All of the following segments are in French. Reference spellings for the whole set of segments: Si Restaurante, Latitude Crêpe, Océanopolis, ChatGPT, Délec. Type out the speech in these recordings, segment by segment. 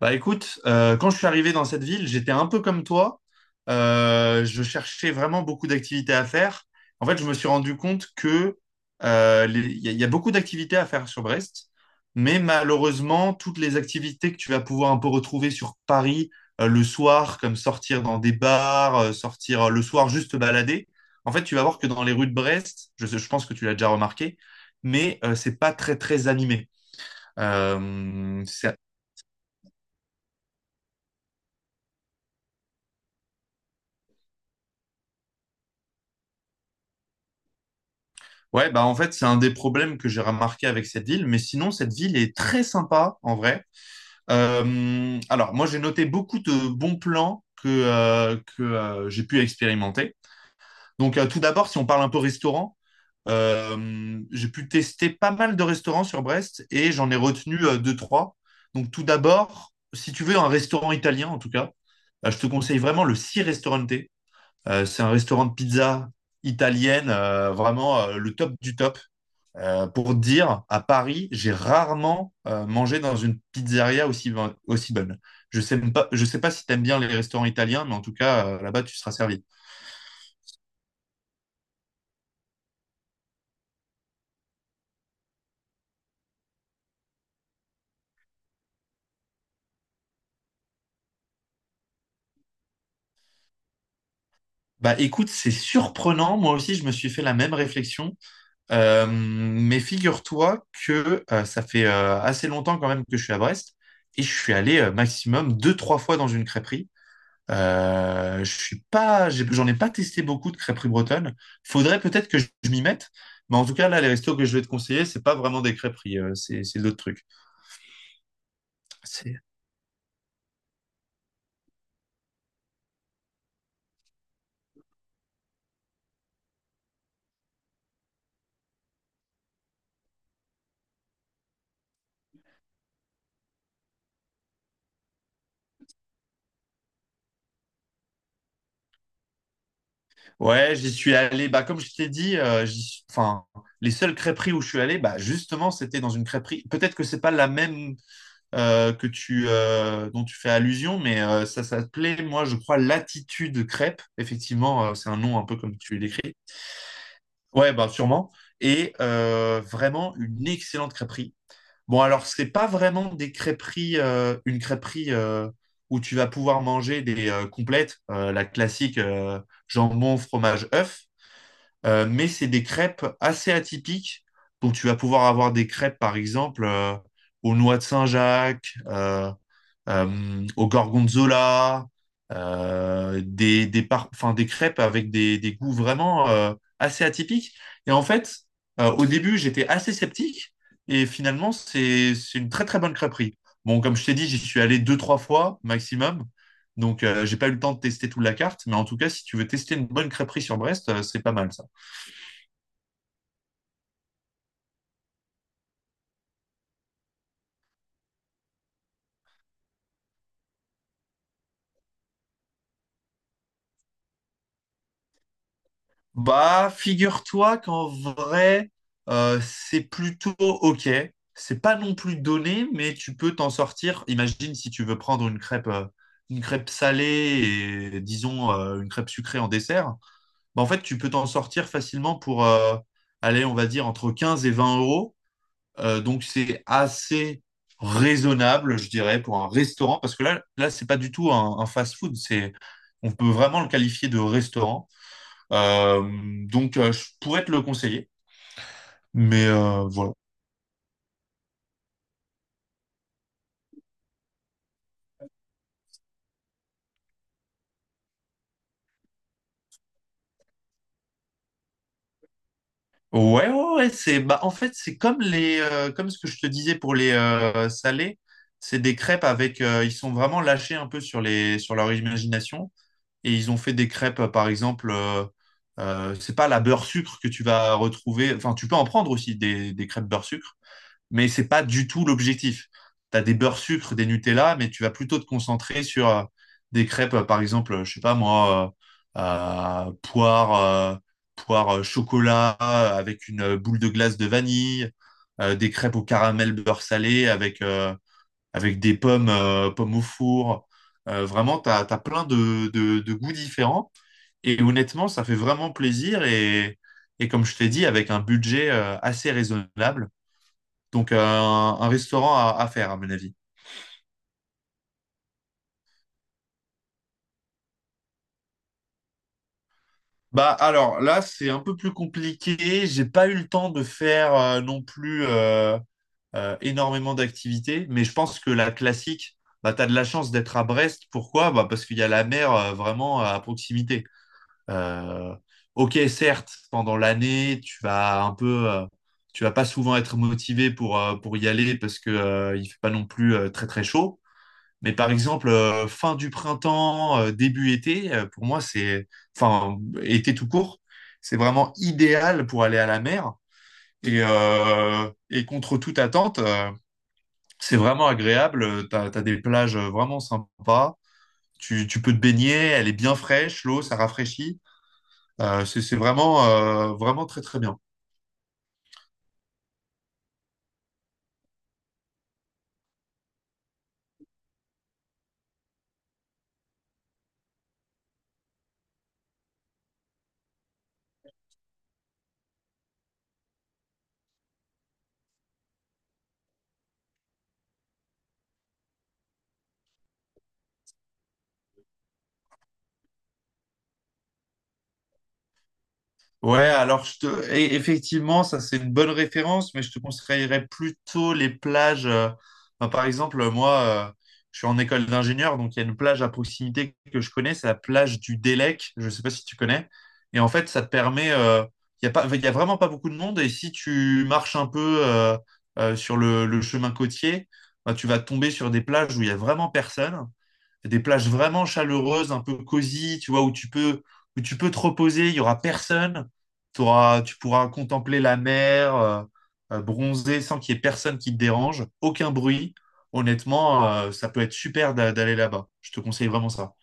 Bah écoute, quand je suis arrivé dans cette ville, j'étais un peu comme toi. Je cherchais vraiment beaucoup d'activités à faire. En fait, je me suis rendu compte que il y a beaucoup d'activités à faire sur Brest, mais malheureusement, toutes les activités que tu vas pouvoir un peu retrouver sur Paris le soir, comme sortir dans des bars, sortir le soir juste te balader, en fait, tu vas voir que dans les rues de Brest, je pense que tu l'as déjà remarqué, mais c'est pas très très animé. C'est Ouais, bah en fait, c'est un des problèmes que j'ai remarqué avec cette ville, mais sinon, cette ville est très sympa en vrai. Alors, moi, j'ai noté beaucoup de bons plans que, j'ai pu expérimenter. Donc, tout d'abord, si on parle un peu restaurant, j'ai pu tester pas mal de restaurants sur Brest et j'en ai retenu deux, trois. Donc, tout d'abord, si tu veux un restaurant italien, en tout cas, je te conseille vraiment le Si Restaurante. C'est un restaurant de pizza italienne, vraiment le top du top. Pour dire, à Paris, j'ai rarement mangé dans une pizzeria aussi bonne. Je sais même pas, je sais pas si t'aimes bien les restaurants italiens, mais en tout cas, là-bas, tu seras servi. Bah écoute, c'est surprenant. Moi aussi, je me suis fait la même réflexion. Mais figure-toi que ça fait assez longtemps quand même que je suis à Brest et je suis allé maximum deux, trois fois dans une crêperie. Je suis pas, j'en ai pas testé beaucoup de crêperies bretonnes. Faudrait peut-être que je m'y mette, mais en tout cas là, les restos que je vais te conseiller, c'est pas vraiment des crêperies, c'est d'autres trucs. C'est- Ouais, j'y suis allé. Bah comme je t'ai dit, enfin les seules crêperies où je suis allé, bah justement c'était dans une crêperie. Peut-être que c'est pas la même que tu dont tu fais allusion, mais ça s'appelait moi je crois Latitude Crêpe. Effectivement, c'est un nom un peu comme tu l'écris. Ouais, bah sûrement. Et vraiment une excellente crêperie. Bon, alors, c'est pas vraiment des crêperies, une crêperie où tu vas pouvoir manger des complètes, la classique, jambon, fromage, œuf. Mais c'est des crêpes assez atypiques. Donc, tu vas pouvoir avoir des crêpes, par exemple, aux noix de Saint-Jacques, au gorgonzola, enfin, des crêpes avec des goûts vraiment assez atypiques. Et en fait, au début, j'étais assez sceptique et finalement, c'est une très très bonne crêperie. Bon, comme je t'ai dit, j'y suis allé deux, trois fois maximum. Donc, j'ai pas eu le temps de tester toute la carte, mais en tout cas, si tu veux tester une bonne crêperie sur Brest, c'est pas mal ça. Bah, figure-toi qu'en vrai, c'est plutôt OK. C'est pas non plus donné, mais tu peux t'en sortir. Imagine si tu veux prendre une crêpe salée et disons une crêpe sucrée en dessert. Bah, en fait, tu peux t'en sortir facilement pour aller, on va dire, entre 15 et 20 euros. Donc, c'est assez raisonnable, je dirais, pour un restaurant. Parce que là, là, c'est pas du tout un fast-food. On peut vraiment le qualifier de restaurant. Euh, donc, je pourrais te le conseiller. Mais voilà. Ouais, ouais, ouais, c'est bah en fait c'est comme les comme ce que je te disais pour les salés, c'est des crêpes avec ils sont vraiment lâchés un peu sur les sur leur imagination et ils ont fait des crêpes par exemple c'est pas la beurre sucre que tu vas retrouver enfin tu peux en prendre aussi des crêpes beurre sucre mais c'est pas du tout l'objectif. Tu as des beurres sucre, des Nutella, mais tu vas plutôt te concentrer sur des crêpes, par exemple, je sais pas moi, euh, euh, poire, euh, poire chocolat avec une boule de glace de vanille, des crêpes au caramel beurre salé avec des pommes, pommes au four. Vraiment, tu as, plein de goûts différents. Et honnêtement, ça fait vraiment plaisir. Et comme je t'ai dit, avec un budget assez raisonnable. Donc, un restaurant à faire, à mon avis. Bah, alors là, c'est un peu plus compliqué. J'ai pas eu le temps de faire non plus énormément d'activités, mais je pense que la classique, bah, t'as de la chance d'être à Brest. Pourquoi? Bah, parce qu'il y a la mer vraiment à proximité. Euh, ok, certes, pendant l'année, tu vas pas souvent être motivé pour y aller parce que il fait pas non plus très très chaud. Mais par exemple, fin du printemps, début été, pour moi, enfin, été tout court, c'est vraiment idéal pour aller à la mer. Et contre toute attente, c'est vraiment agréable. T'as des plages vraiment sympas. Tu peux te baigner, elle est bien fraîche, l'eau, ça rafraîchit. C'est vraiment, vraiment très, très bien. Ouais, alors effectivement, ça c'est une bonne référence, mais je te conseillerais plutôt les plages. Enfin, par exemple, moi, euh, je suis en école d'ingénieur, donc il y a une plage à proximité que je connais, c'est la plage du Délec, je ne sais pas si tu connais. Et en fait, ça te permet, il y a vraiment pas beaucoup de monde, et si tu marches un peu sur le chemin côtier, bah, tu vas tomber sur des plages où il y a vraiment personne, des plages vraiment chaleureuses, un peu cosy, tu vois, où tu peux te reposer, il y aura personne. Tu pourras contempler la mer, bronzer sans qu'il y ait personne qui te dérange, aucun bruit. Honnêtement, ça peut être super d'aller là-bas. Je te conseille vraiment ça.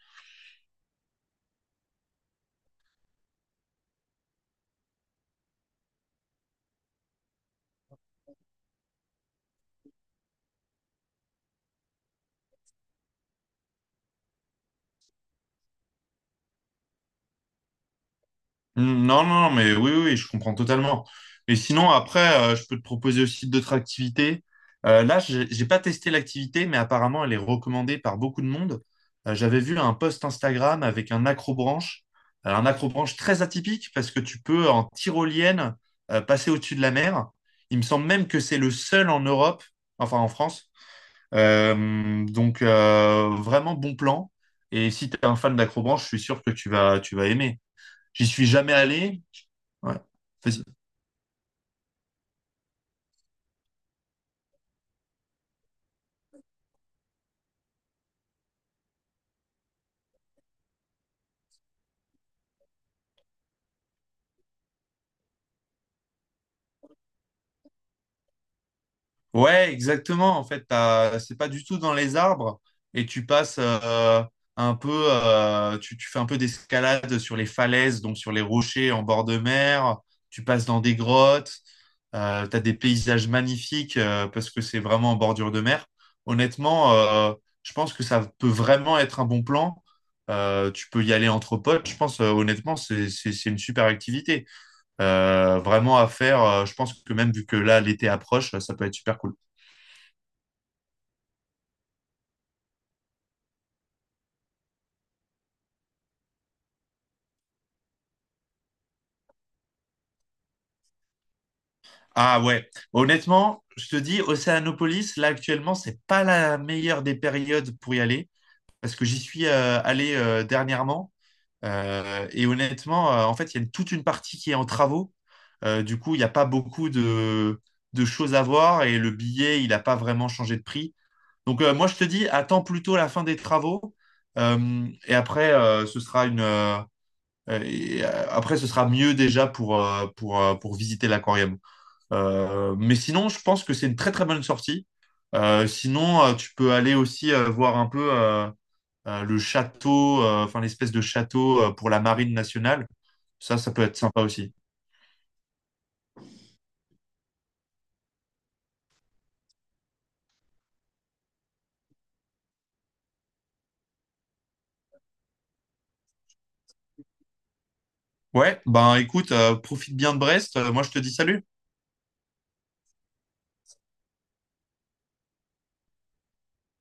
Mm, non, non, non, mais oui, oui, oui, je comprends totalement. Et sinon, après, je peux te proposer aussi d'autres activités. Là, j'ai pas testé l'activité, mais apparemment, elle est recommandée par beaucoup de monde. J'avais vu un post Instagram avec un accrobranche, alors un accrobranche très atypique parce que tu peux en tyrolienne passer au-dessus de la mer. Il me semble même que c'est le seul en Europe, enfin en France. Donc, vraiment bon plan. Et si tu es un fan d'accrobranche, je suis sûr que tu vas aimer. J'y suis jamais allé. Ouais. Faci- Ouais, exactement. En fait, c'est pas du tout dans les arbres et tu passes un peu, tu fais un peu d'escalade sur les falaises, donc sur les rochers en bord de mer. Tu passes dans des grottes. T'as des paysages magnifiques parce que c'est vraiment en bordure de mer. Honnêtement, je pense que ça peut vraiment être un bon plan. Tu peux y aller entre potes. Je pense, honnêtement, c'est une super activité. Vraiment à faire. Je pense que même vu que là, l'été approche, ça peut être super cool. Ah ouais, honnêtement, je te dis, Océanopolis, là actuellement, c'est pas la meilleure des périodes pour y aller parce que j'y suis allé dernièrement. Et honnêtement, en fait, il y a une- toute une partie qui est en travaux. Du coup, il n'y a pas beaucoup de choses à voir et le billet, il n'a pas vraiment changé de prix. Donc, moi, je te dis, attends plutôt la fin des travaux. Et après, ce sera une, et, après, ce sera mieux déjà pour visiter l'aquarium. Mais sinon, je pense que c'est une très très bonne sortie. Sinon, tu peux aller aussi voir un peu le château, enfin l'espèce de château pour la marine nationale. Ça peut être sympa aussi. Ouais, ben écoute, profite bien de Brest. Moi, je te dis salut.